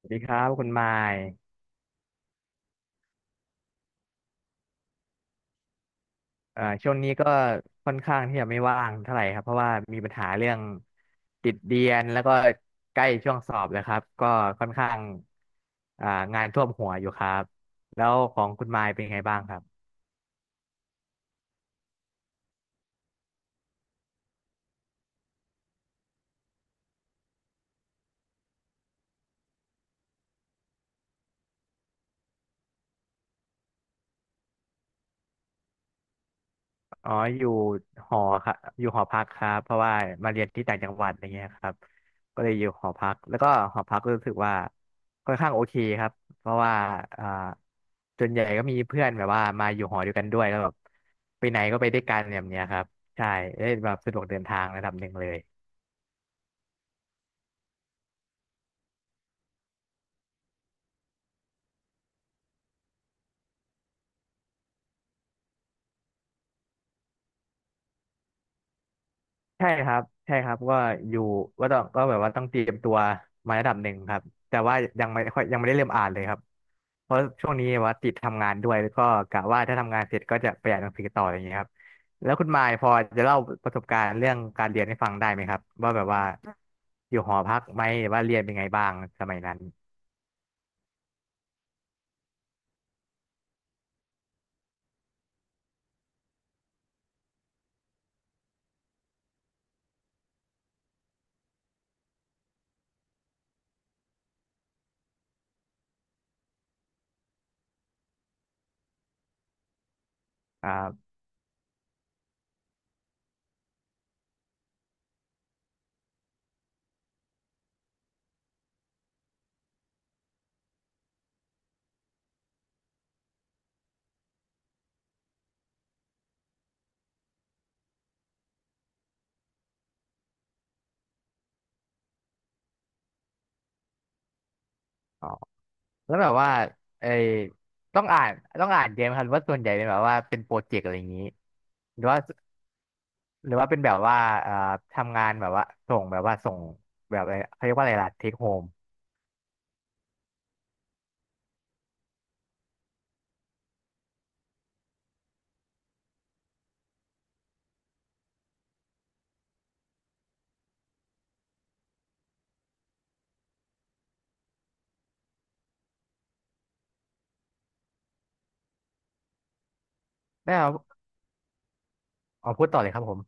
สวัสดีครับคุณไมายช่วงนี้ก็ค่อนข้างที่จะไม่ว่างเท่าไหร่ครับเพราะว่ามีปัญหาเรื่องติดเรียนแล้วก็ใกล้ช่วงสอบแล้วครับก็ค่อนข้างอ่างานท่วมหัวอยู่ครับแล้วของคุณไมายเป็นไงบ้างครับ อ๋ออยู่หอครับอยู่หอพักครับเพราะว่ามาเรียนที่ต่างจังหวัดอะไรเงี้ยครับก็เลยอยู่หอพักแล้วก็หอพักรู้สึกว่าค่อนข้างโอเคครับเพราะว่าอ่าส่วนใหญ่ก็มีเพื่อนแบบว่ามาอยู่หอเด้วกันด้วยแล้วแบบไปไหนก็ไปด้วยกันแบบเนี้ยครับใช่ได้แบบสะดวกเดินทางระดับหนึ่งเลย ใช่ครับใช่ครับก็อยู่ว่าต้องก็แบบว่าต้องเตรียมตัวมาระดับหนึ่งครับแต่ว่ายังไม่ค่อยยังไม่ได้เริ่มอ่านเลยครับเพราะช่วงนี้ว่าติดทำงานด้วยแล้วก็กะว่าถ้าทำงานเสร็จก็จะไปอ่านหนังสือต่ออย่างเงี้ยครับแล้วคุณมายพอจะเล่าประสบการณ์เรื่องการเรียนให้ฟังได้ไหมครับว่าแบบว่าอยู่หอพักไหมหรือว่าเรียนเป็นไงบ้างสมัยนั้นครับอ๋อแล้วแบบว่าไอ้ต้องอ่านต้องอ่านเยอะไหมครับหรือว่าส่วนใหญ่เป็นแบบว่าเป็นโปรเจกต์อะไรอย่างนี้หรือว่า หรือว่าเป็นแบบว่าเอ่อทำงานแบบว่าส่งแบบอะไรเขาเรียกว่าอะไรล่ะเทคโฮมแล้วเอาพูดต่อเลยครับผม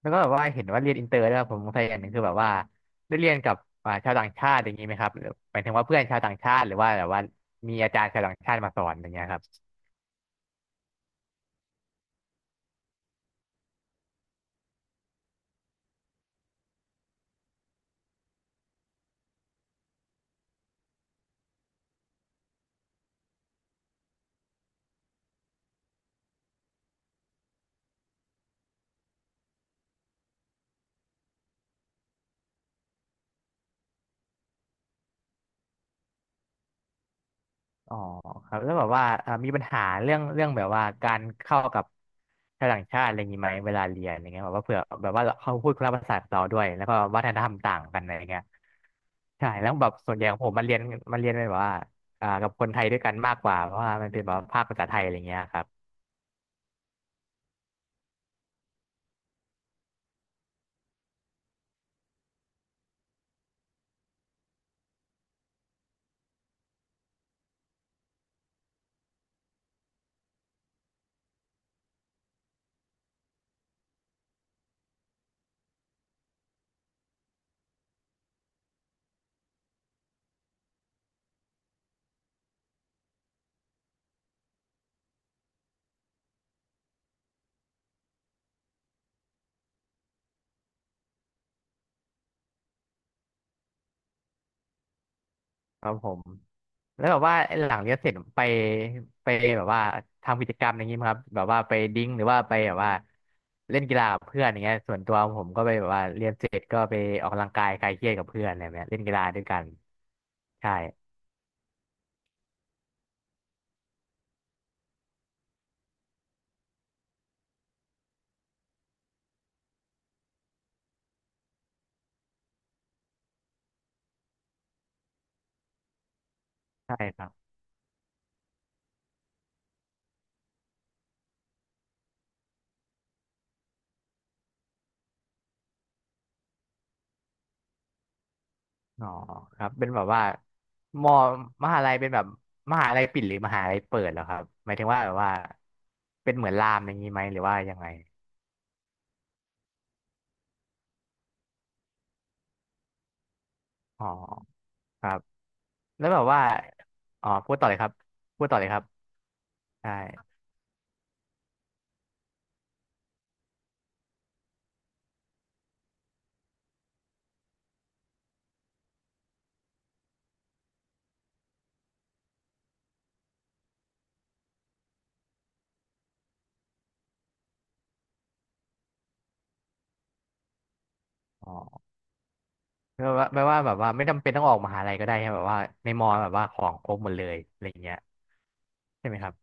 แล้วก็แบบว่าเห็นว่าเรียนอินเตอร์แล้วยผมสงสัยอย่างหนึ่งคือแบบว่าได้เรียนกับชาวต่างชาติอย่างนี้ไหมครับหรือหมายถึงว่าเพื่อนชาวต่างชาติหรือว่าแบบว่ามีอาจารย์ชาวต่างชาติมาสอนอย่างเงี้ยครับ อ๋อครับแล้วแบบว่ามีปัญหาเรื่องแบบว่าการเข้ากับชาวต่างชาติอะไรอย่างนี้ไหมเวลาเรียนอย่างเงี้ยแบบว่าเผื่อแบบว่าเขาพูดคนละภาษากับเราด้วยแล้วก็วัฒนธรรมต่างกันอะไรเงี้ยใช่แล้วแบบส่วนใหญ่ของผมมันเรียนแบบว่ากับคนไทยด้วยกันมากกว่าเพราะว่ามันเป็นแบบว่าภาคภาษาไทยอะไรเงี้ยครับ ครับผมแล้วแบบว่าหลังเรียนเสร็จไปแบบว่าทำกิจกรรมอย่างนี้ไหมครับแบบว่าไปดิ้งหรือว่าไปแบบว่าเล่นกีฬากับเพื่อนอย่างเงี้ยส่วนตัวผมก็ไปแบบว่าเรียนเสร็จก็ไปออกกำลังกายคลายเครียดกับเพื่อนอะไรแบบเนี้ยเล่นกีฬาด้วยกันใช่ใช่ครับอ๋อครับเป็นแบบว่ามอมหาลัยเป็นแบบมหาลัยปิดหรือมหาลัยเปิดเหรอครับหมายถึงว่าแบบว่าเป็นเหมือนรามอย่างนี้ไหมหรือว่ายังไงอ๋อครับแล้วแบบว่าอ๋อพูดต่อเลยครับพูดต่อเลยครับ ใช่อ๋อแปลว่าแบบว่าไม่จำเป็นต้องออกมหาลัยก็ได้ใช่ไหมแบบว่าในมอแบบว่าของครบหมดเลยอะไรอย่างเงี้ยใช่ไหมครับ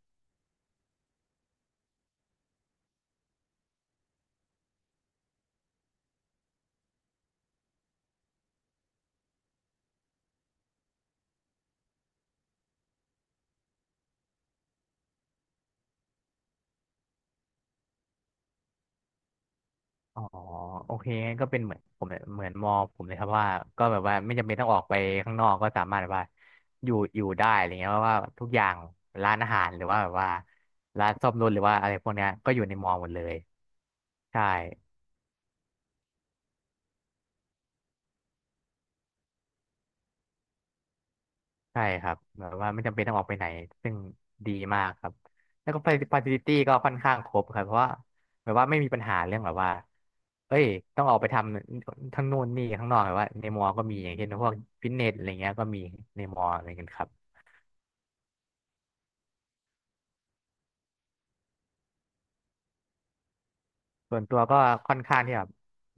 อ๋อโอเคงั้นก็เป็นเหมือนผมเลยเหมือนมอผมเลยครับว่าก็แบบว่าไม่จำเป็นต้องออกไปข้างนอกก็สามารถแบบว่าอยู่ได้อะไรเงี้ยเพราะว่าทุกอย่างร้านอาหารหรือว่าแบบว่าร้านซ่อมรถหรือว่าอะไรพวกเนี้ยก็อยู่ในมอหมดเลยใช่ ใช่ครับแบบว่าไม่จำเป็นต้องออกไปไหนซึ่งดีมากครับแล้วก็ฟ a c i ิ i t y ก็ค่อนข้างครบครับเพราะว่าแบบว่าไม่มีปัญหาเรื่องแบบว่าเอ้ยต้องออกไปทำทั้งนู่นนี่ข้างนอกแบบว่าในมอก็มีอย่างเช่นพวกฟิตเนสอะไรเงี้ยก็มีในมออะไรเงี้ยครับส่วนตัวก็ค่อนข้างที่แบบ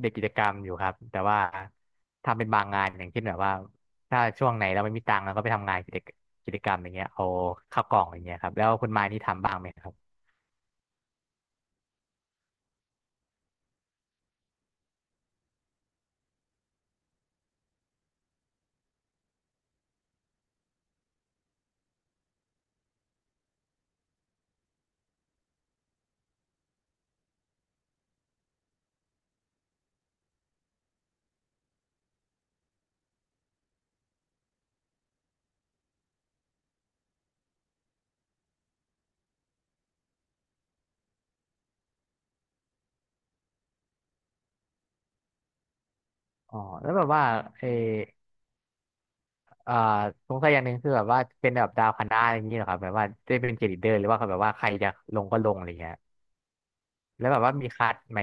เด็กกิจกรรมอยู่ครับแต่ว่าทำเป็นบางงานอย่างเช่นแบบว่าถ้าช่วงไหนเราไม่มีตังค์เราก็ไปทำงานกิจกรรมอย่างเงี้ยเอาข้าวกล่องอย่างเงี้ยครับแล้วคุณมายนี่ทำบ้างไหมครับอ๋อแล้วแบบว่าเออ เอ่อสงสัยอย่างหนึ่งคือแบบว่าเป็นแบบดาวคณะอะไรอย่างนี้เหรอครับแบบว่าได้เป็นเกรดเดอร์หรือว่าเขาแบบว่าใครจะลงก็ลงอะไรเงี้ยแล้วแบบว่ามีคัดไหม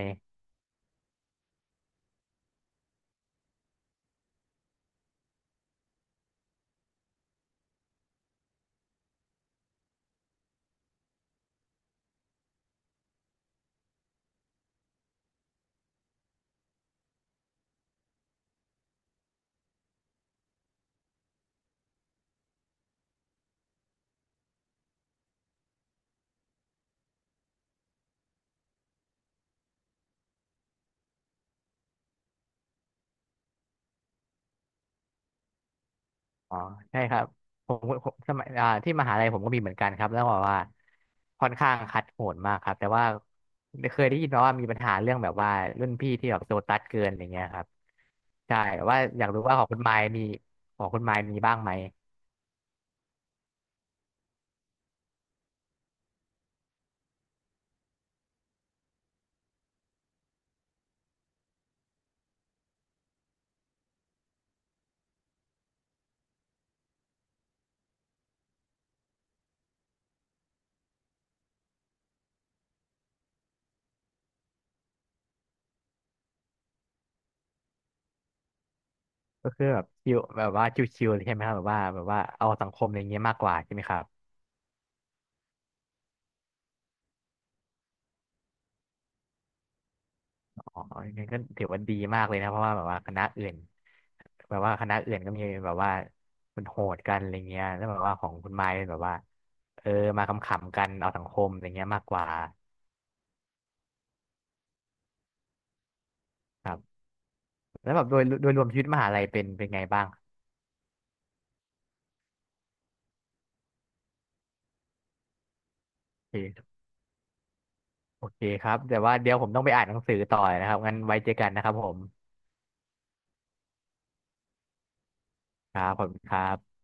อ๋อใช่ครับผมผมสมัยที่มหาลัยผมก็มีเหมือนกันครับแล้วบอกว่าค่อนข้างคัดโหดมากครับแต่ว่าเคยได้ยินมาว่ามีปัญหาเรื่องแบบว่ารุ่นพี่ที่แบบโซตัสเกินอะไรเงี้ยครับใช่แต่ว่าอยากรู้ว่าของคุณไมค์มีบ้างไหมก็คือแบบชิวแบบว่าชิวๆเลยใช่ไหมครับแบบว่าเอาสังคมอะไรเงี้ยมากกว่าใช่ไหมครับ อ๋องั้นก็ถือว่าดีมากเลยนะ เพราะว่าแบบว่าคณะอื่นก็มีแบบว่ามันโหดกันอะไรเงี้ยแล้วแบบว่าของคุณไม้เป็นแบบว่าเออมาขำๆกันเอาสังคมอะไรเงี้ยมากกว่าแล้วแบบโดยรวมชีวิตมหาลัยเป็นไงบ้างโอเคโอเคครับแต่ว่าเดี๋ยวผมต้องไปอ่านหนังสือต่อนะครับงั้นไว้เจอกันนะครับผมครับผมคณครับ